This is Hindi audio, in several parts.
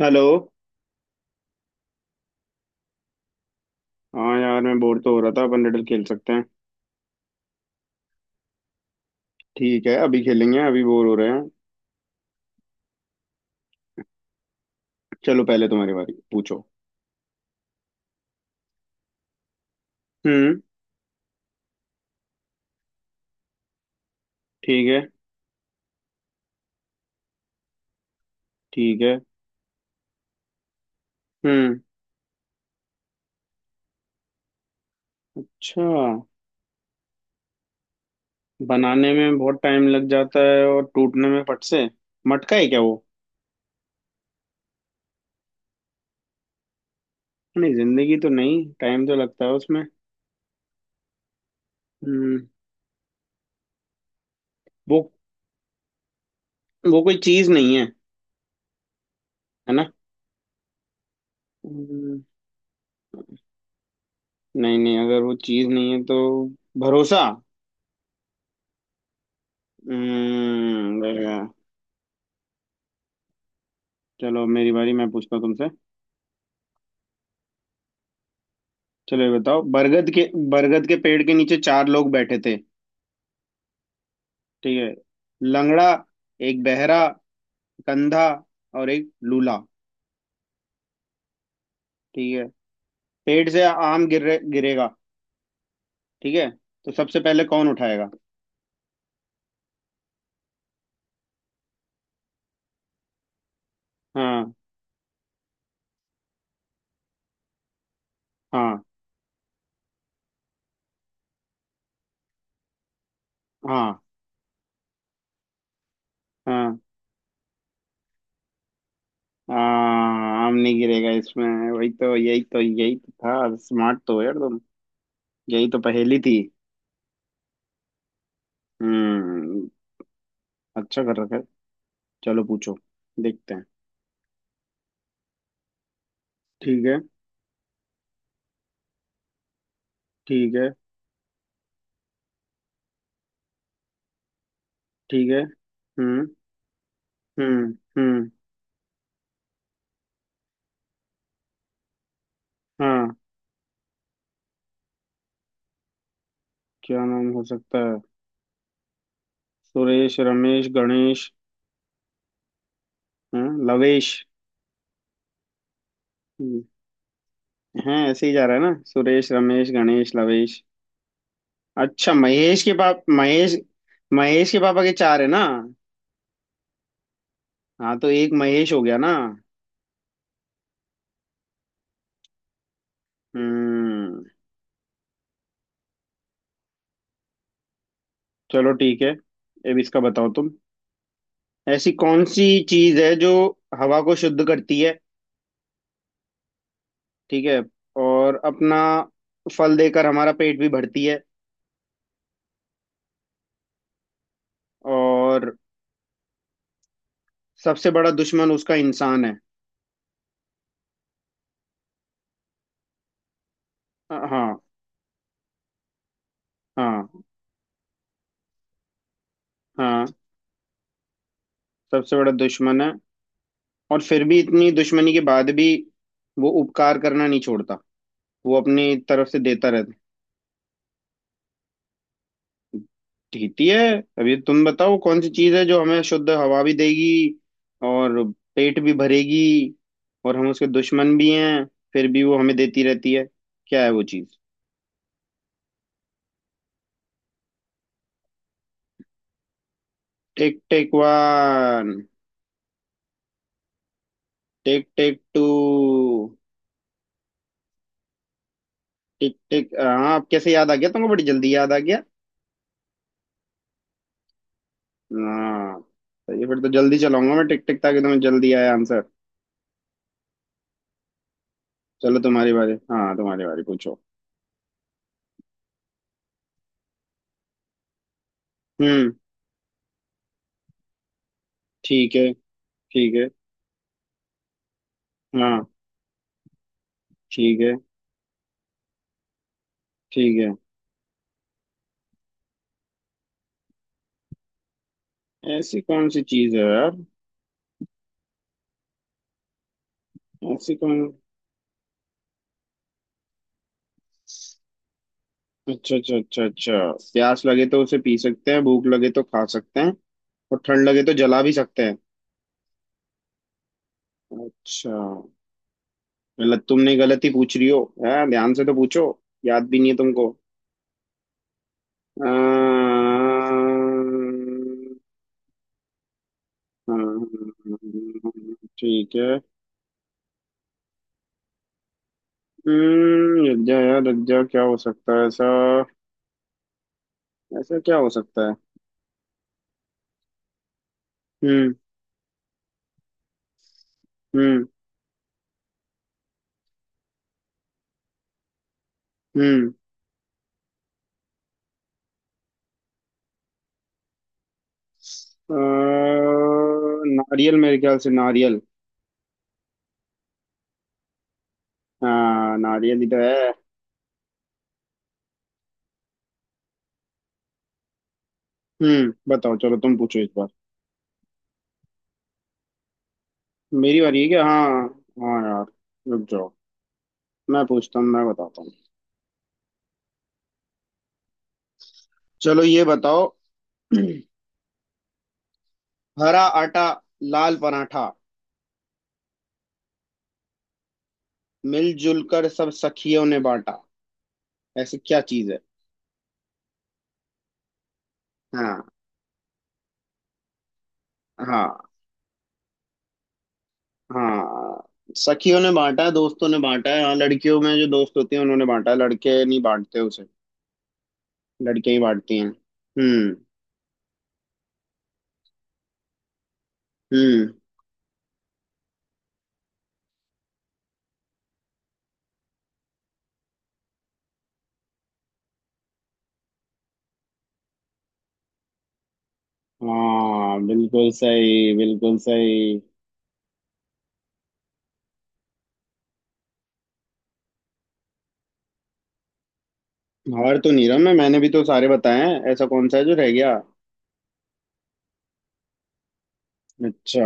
हेलो। हाँ यार, मैं बोर तो हो रहा था। अपन रिडल खेल सकते हैं। ठीक है, अभी खेलेंगे। अभी बोर हो रहे हैं। चलो, पहले तुम्हारी बारी, पूछो। हम्म। ठीक है। ठीक है। हम्म। अच्छा। बनाने में बहुत टाइम लग जाता है और टूटने में फट से। मटका है क्या वो? नहीं, जिंदगी तो नहीं, टाइम तो लगता है उसमें। हम्म। वो वो कोई चीज नहीं है? है ना? हम्म। नहीं नहीं, अगर वो चीज नहीं है तो भरोसा। हम्म, बढ़िया। चलो, अब मेरी बारी, मैं पूछता हूँ तुमसे। चलो ये बताओ, बरगद के पेड़ के नीचे चार लोग बैठे थे। ठीक है। लंगड़ा, एक बहरा, कंधा, और एक लूला। ठीक है। पेड़ से आम गिरे गिरेगा। ठीक है। तो सबसे पहले कौन उठाएगा? हाँ। हाँ। हाँ। हाँ। हाँ, आम नहीं गिरेगा इसमें। वही तो यही तो था। स्मार्ट तो हो यार तुम। यही तो पहेली थी। हम्म। अच्छा कर रखा है। चलो पूछो। देखते हैं। ठीक है। ठीक है। ठीक है। हम्म। हम्म। हम्म। हाँ। क्या नाम हो सकता है? सुरेश, रमेश, गणेश। हाँ, लवेश। हाँ, ऐसे ही जा रहा है ना? सुरेश, रमेश, गणेश, लवेश। अच्छा, महेश, महेश के पापा के चार है ना? हाँ, तो एक महेश हो गया ना। हम्म। चलो ठीक है, अब इसका बताओ तुम। ऐसी कौन सी चीज है जो हवा को शुद्ध करती है? ठीक है। और अपना फल देकर हमारा पेट भी भरती है। और सबसे बड़ा दुश्मन उसका इंसान है। हाँ। हाँ। हाँ, सबसे बड़ा दुश्मन है। और फिर भी इतनी दुश्मनी के बाद भी वो उपकार करना नहीं छोड़ता। वो अपनी तरफ से देता रहता। ठीक है। अभी तो तुम बताओ, कौन सी चीज है जो हमें शुद्ध हवा भी देगी और पेट भी भरेगी और हम उसके दुश्मन भी हैं, फिर भी वो हमें देती रहती है? क्या है वो चीज? Tick tick one. Tick tick two. Tick tick. हाँ, अब कैसे याद आ गया तुमको? बड़ी जल्दी याद आ गया। हाँ, सही है। फिर तो जल्दी चलाऊंगा मैं टिक टिक, ताकि तुम्हें जल्दी आए आंसर। चलो तुम्हारी बारी। हाँ तुम्हारी बारी, पूछो। हम्म। ठीक है। ठीक है। हाँ। ठीक है। ठीक है। ऐसी कौन सी चीज है यार? ऐसी कौन अच्छा, अच्छा, अच्छा, अच्छा। प्यास लगे तो उसे पी सकते हैं, भूख लगे तो खा सकते हैं, और ठंड लगे तो जला भी सकते हैं। अच्छा। गलत, तुमने गलत ही पूछ रही हो है। ध्यान से तो पूछो। याद भी नहीं है तुमको। अम्म, ठीक है। हम्म, रज्जा यार रज्जा, क्या हो सकता है ऐसा? ऐसा क्या हो सकता है? हम्म। हम्म। हम्म। अ, नारियल, मेरे ख्याल से नारियल। हाँ, नारियल ही तो है। हम्म, बताओ। चलो तुम पूछो इस बार। मेरी बारी है क्या? हाँ। हाँ यार, रुक जाओ। मैं पूछता हूँ, मैं बताता हूँ। चलो ये बताओ। हरा आटा, लाल पराठा, मिलजुल कर सब सखियों ने बांटा। ऐसी क्या चीज है? हाँ। हाँ। हाँ, सखियों ने बांटा है, दोस्तों ने बांटा है। हाँ, लड़कियों में जो दोस्त होती हैं उन्होंने बांटा है, लड़के नहीं बांटते उसे। लड़कियां ही बांटती हैं। हम्म। हम्म। हाँ, बिल्कुल सही, बिल्कुल सही। हार तो नहीं रहा मैं, मैंने भी तो सारे बताए हैं। ऐसा कौन सा है जो रह गया? अच्छा।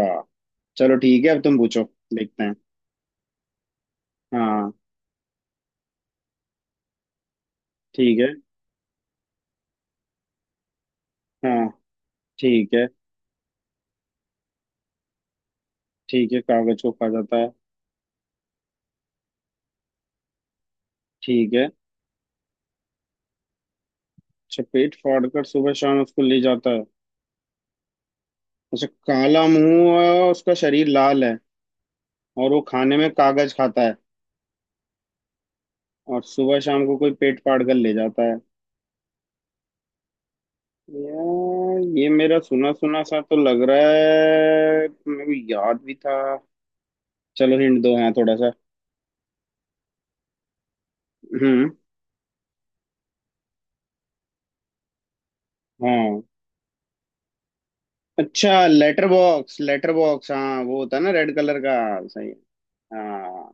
चलो ठीक है, अब तुम पूछो। देखते हैं। हाँ। ठीक है। हाँ। ठीक है। ठीक है, कागज को खा जाता है। ठीक है। चपेट फाड़कर सुबह शाम उसको ले जाता है। अच्छा, काला मुंह है और उसका शरीर लाल है। और वो खाने में कागज खाता है। और सुबह शाम को कोई पेट फाड़ कर ले जाता है। यार ये मेरा सुना सुना सा तो लग रहा है, मेरे को याद भी था। चलो हिंट दो, हाँ थोड़ा सा। हम्म। हाँ। अच्छा, लेटर बॉक्स। लेटर बॉक्स, हाँ वो होता है ना रेड कलर का? सही है। हाँ।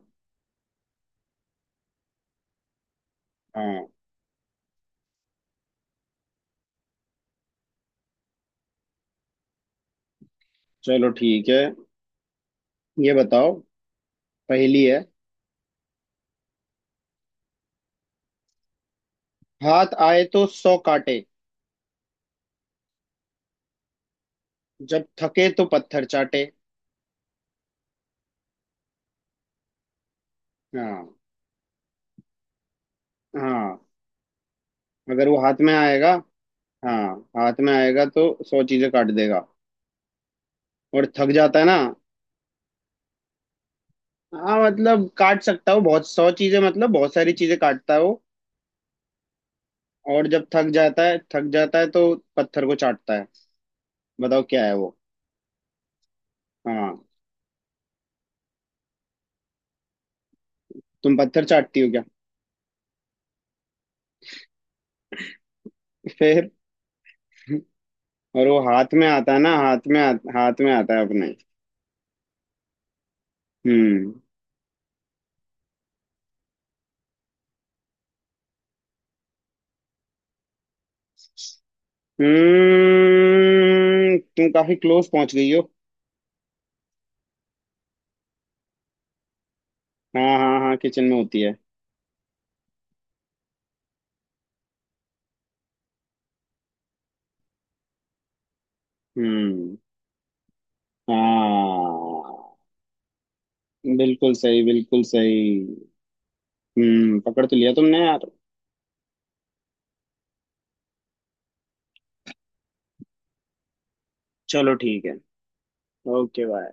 हाँ। चलो ठीक है, ये बताओ, पहेली है। हाथ आए तो 100 काटे, जब थके तो पत्थर चाटे। हाँ। हाँ, अगर वो हाथ में आएगा। हाँ, हाथ में आएगा तो 100 चीजें काट देगा। और थक जाता है ना। हाँ मतलब काट सकता है वो, बहुत सौ चीजें, मतलब बहुत सारी चीजें काटता है वो। और जब थक जाता है, थक जाता है तो पत्थर को चाटता है। बताओ क्या है वो? हाँ। तुम पत्थर चाटती हो क्या? फिर। और वो हाथ में आता है ना, हाथ में आता है अपने। हम्म। हम्म, तुम काफी क्लोज पहुंच गई हो। हाँ। हाँ। हाँ, किचन में होती है। हम्म। हाँ, बिल्कुल सही, बिल्कुल सही। हम्म, पकड़ तो लिया तुमने यार। चलो ठीक है। Okay bye.